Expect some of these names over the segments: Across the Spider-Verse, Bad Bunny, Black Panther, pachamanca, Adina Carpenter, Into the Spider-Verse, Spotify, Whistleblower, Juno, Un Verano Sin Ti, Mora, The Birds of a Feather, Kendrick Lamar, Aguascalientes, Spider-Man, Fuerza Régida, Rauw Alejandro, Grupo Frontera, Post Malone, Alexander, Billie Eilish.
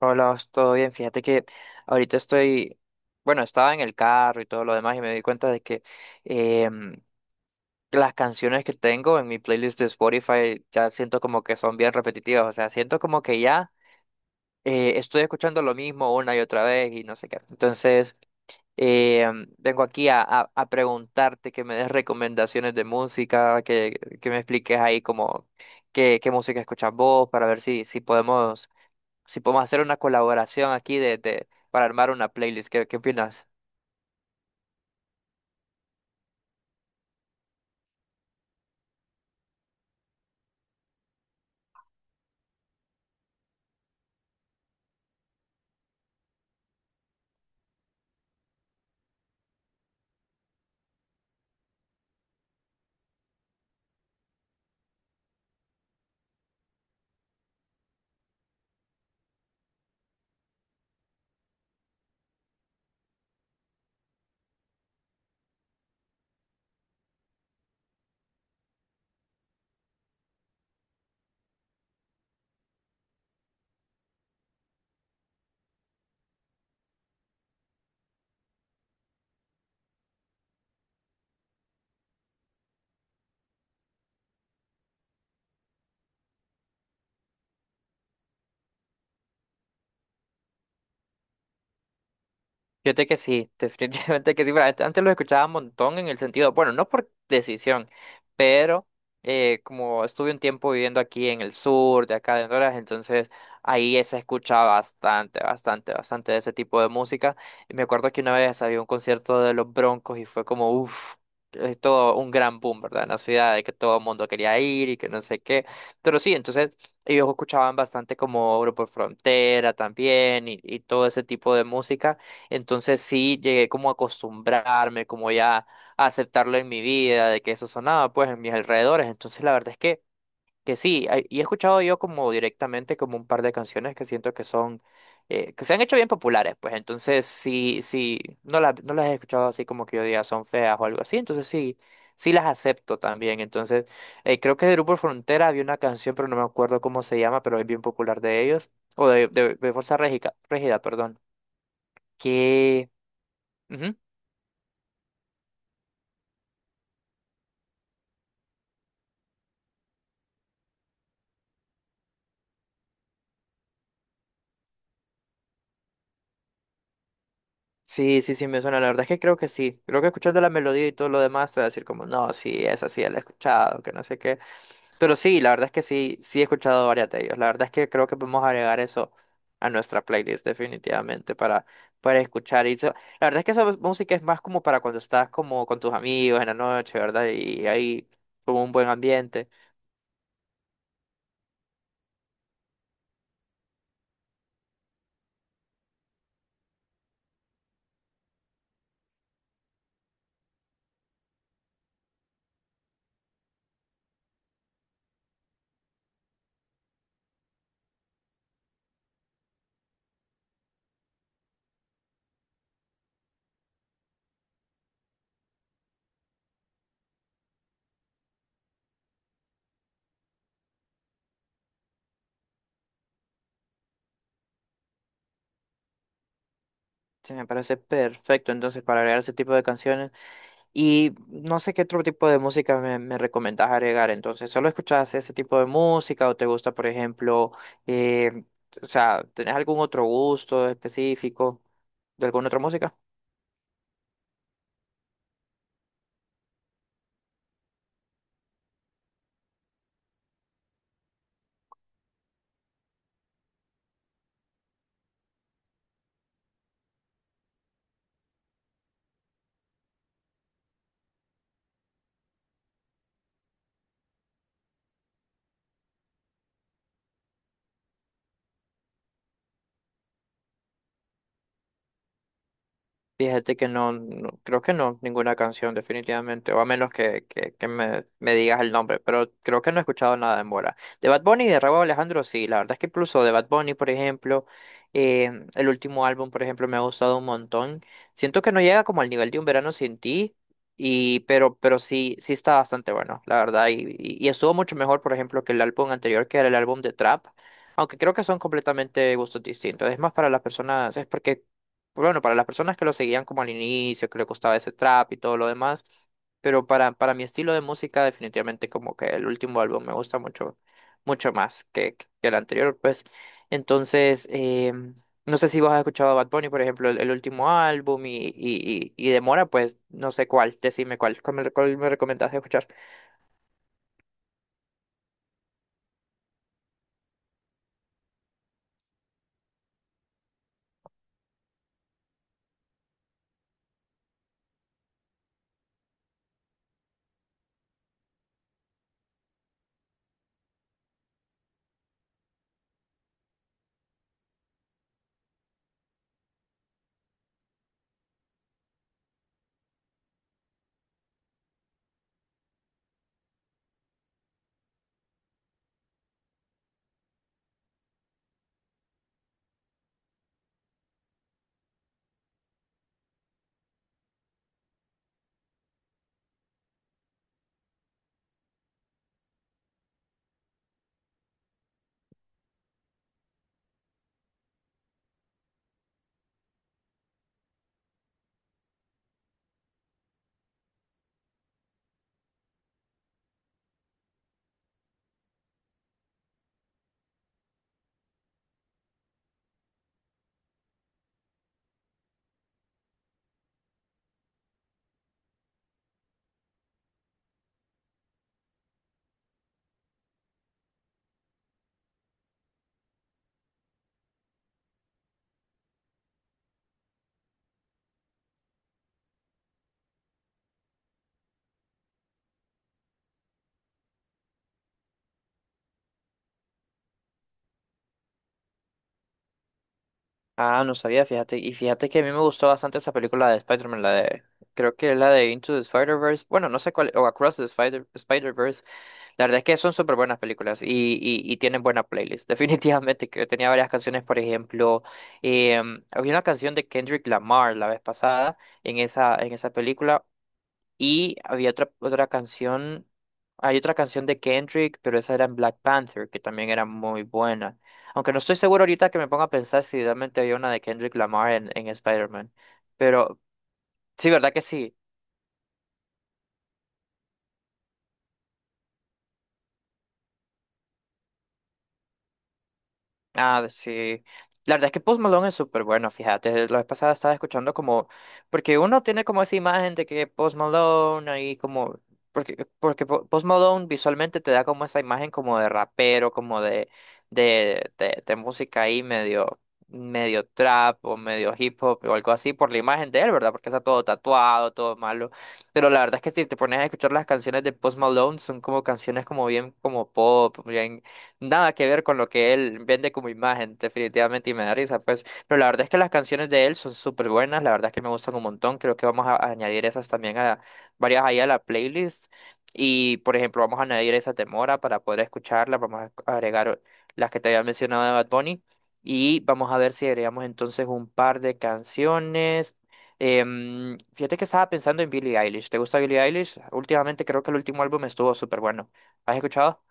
Hola, todo bien. Fíjate que ahorita estoy, bueno, estaba en el carro y todo lo demás y me di cuenta de que em, las canciones que tengo en mi playlist de Spotify ya siento como que son bien repetitivas, o sea, siento como que ya estoy escuchando lo mismo una y otra vez y no sé qué. Entonces, vengo aquí a preguntarte que me des recomendaciones de música, que me expliques ahí como qué música escuchas vos para ver si podemos si podemos hacer una colaboración aquí para armar una playlist. ¿ qué opinas? Fíjate que sí, definitivamente que sí. Antes lo escuchaba un montón en el sentido, bueno, no por decisión, pero como estuve un tiempo viviendo aquí en el sur, de acá de Honduras, entonces ahí se escucha bastante, bastante, bastante de ese tipo de música. Y me acuerdo que una vez había un concierto de los Broncos y fue como, uff, todo un gran boom, ¿verdad? En la ciudad, de que todo el mundo quería ir y que no sé qué. Pero sí, entonces ellos escuchaban bastante como Grupo Frontera también y todo ese tipo de música. Entonces sí llegué como a acostumbrarme, como ya a aceptarlo en mi vida, de que eso sonaba pues en mis alrededores. Entonces la verdad es que sí, he escuchado yo como directamente como un par de canciones que siento que son, que se han hecho bien populares, pues entonces sí, sí, no las he escuchado así como que yo diga son feas o algo así, entonces sí, sí las acepto también. Entonces creo que de Grupo Frontera había una canción, pero no me acuerdo cómo se llama, pero es bien popular de ellos, o de Fuerza Régida, perdón, que... Ujú. Sí, sí, sí, me suena. La verdad es que creo que sí. Creo que escuchando la melodía y todo lo demás, te voy a decir como, no, sí, esa sí, la he escuchado, que no sé qué. Pero sí, la verdad es que sí, sí he escuchado varias de ellos. La verdad es que creo que podemos agregar eso a nuestra playlist definitivamente para escuchar. La verdad es que esa música es más como para cuando estás como con tus amigos en la noche, ¿verdad? Y hay como un buen ambiente. Sí, me parece perfecto entonces para agregar ese tipo de canciones. Y no sé qué otro tipo de música me recomendás agregar. Entonces, ¿solo escuchás ese tipo de música o te gusta, por ejemplo, eh, o sea, ¿tenés algún otro gusto específico de alguna otra música? Fíjate que no, creo que no, ninguna canción definitivamente, o a menos que, que me digas el nombre, pero creo que no he escuchado nada en Mora. De Bad Bunny y de Rauw Alejandro, sí, la verdad es que incluso de Bad Bunny, por ejemplo, el último álbum, por ejemplo, me ha gustado un montón. Siento que no llega como al nivel de Un Verano Sin Ti, y, pero sí, sí está bastante bueno, la verdad, y estuvo mucho mejor, por ejemplo, que el álbum anterior, que era el álbum de Trap. Aunque creo que son completamente gustos distintos. Es más para las personas, es porque pues bueno, para las personas que lo seguían como al inicio, que le costaba ese trap y todo lo demás, pero para mi estilo de música, definitivamente como que el último álbum me gusta mucho, mucho más que el anterior, pues. Entonces, no sé si vos has escuchado a Bad Bunny, por ejemplo, el último álbum y de Mora, pues no sé cuál, decime cuál, cuál me recomendás escuchar. Ah, no sabía, fíjate. Y fíjate que a mí me gustó bastante esa película de Spider-Man, la de. Creo que es la de Into the Spider-Verse. Bueno, no sé cuál. O Across the Spider-Verse. La verdad es que son súper buenas películas y, y tienen buena playlist. Definitivamente, que tenía varias canciones, por ejemplo, había una canción de Kendrick Lamar la vez pasada en esa película y había otra canción, hay otra canción de Kendrick, pero esa era en Black Panther, que también era muy buena. Aunque no estoy seguro ahorita que me ponga a pensar si realmente había una de Kendrick Lamar en Spider-Man. Pero sí, ¿verdad que sí? Ah, sí. La verdad es que Post Malone es súper bueno, fíjate. La vez pasada estaba escuchando como, porque uno tiene como esa imagen de que Post Malone ahí como, porque Post Malone visualmente te da como esa imagen como de rapero, como de música ahí medio, medio trap o medio hip hop o algo así por la imagen de él, ¿verdad? Porque está todo tatuado, todo malo. Pero la verdad es que si te pones a escuchar las canciones de Post Malone, son como canciones como bien como pop, bien nada que ver con lo que él vende como imagen, definitivamente, y me da risa, pues. Pero la verdad es que las canciones de él son súper buenas, la verdad es que me gustan un montón. Creo que vamos a añadir esas también a varias ahí a la playlist. Y, por ejemplo, vamos a añadir esa de Mora para poder escucharla. Vamos a agregar las que te había mencionado de Bad Bunny. Y vamos a ver si agregamos entonces un par de canciones. Fíjate que estaba pensando en Billie Eilish. ¿Te gusta Billie Eilish? Últimamente creo que el último álbum estuvo súper bueno. ¿Has escuchado?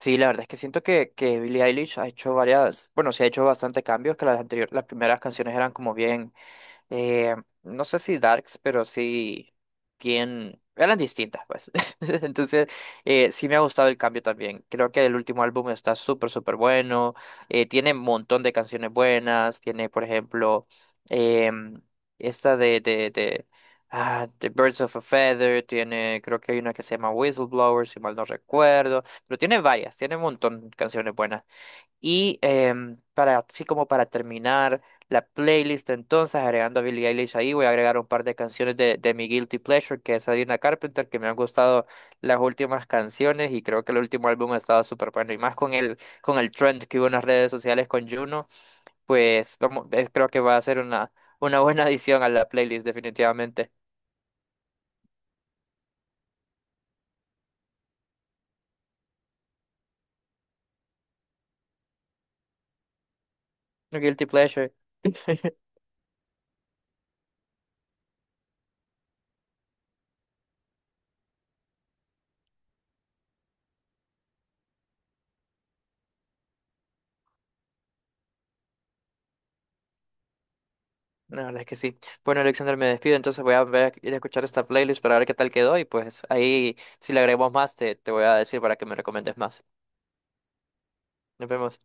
Sí, la verdad es que siento que Billie Eilish ha hecho varias, bueno, sí ha hecho bastante cambios, que las anteriores, las primeras canciones eran como bien eh, no sé si darks, pero sí bien, eran distintas, pues. Entonces, sí me ha gustado el cambio también. Creo que el último álbum está súper, súper bueno. Tiene un montón de canciones buenas. Tiene, por ejemplo, em, esta ah, The Birds of a Feather. Tiene, creo que hay una que se llama Whistleblower, si mal no recuerdo. Pero tiene varias, tiene un montón de canciones buenas. Y para, así como para terminar la playlist, entonces agregando a Billie Eilish ahí, voy a agregar un par de canciones de mi Guilty Pleasure, que es Adina Carpenter, que me han gustado las últimas canciones y creo que el último álbum ha estado súper bueno. Y más con el trend que hubo en las redes sociales con Juno, pues vamos, creo que va a ser una buena adición a la playlist, definitivamente. Guilty Pleasure. La verdad es que sí. Bueno, Alexander, me despido, entonces voy a ir a escuchar esta playlist para ver qué tal quedó y pues ahí si le agregamos más te voy a decir para que me recomiendes más. Nos vemos.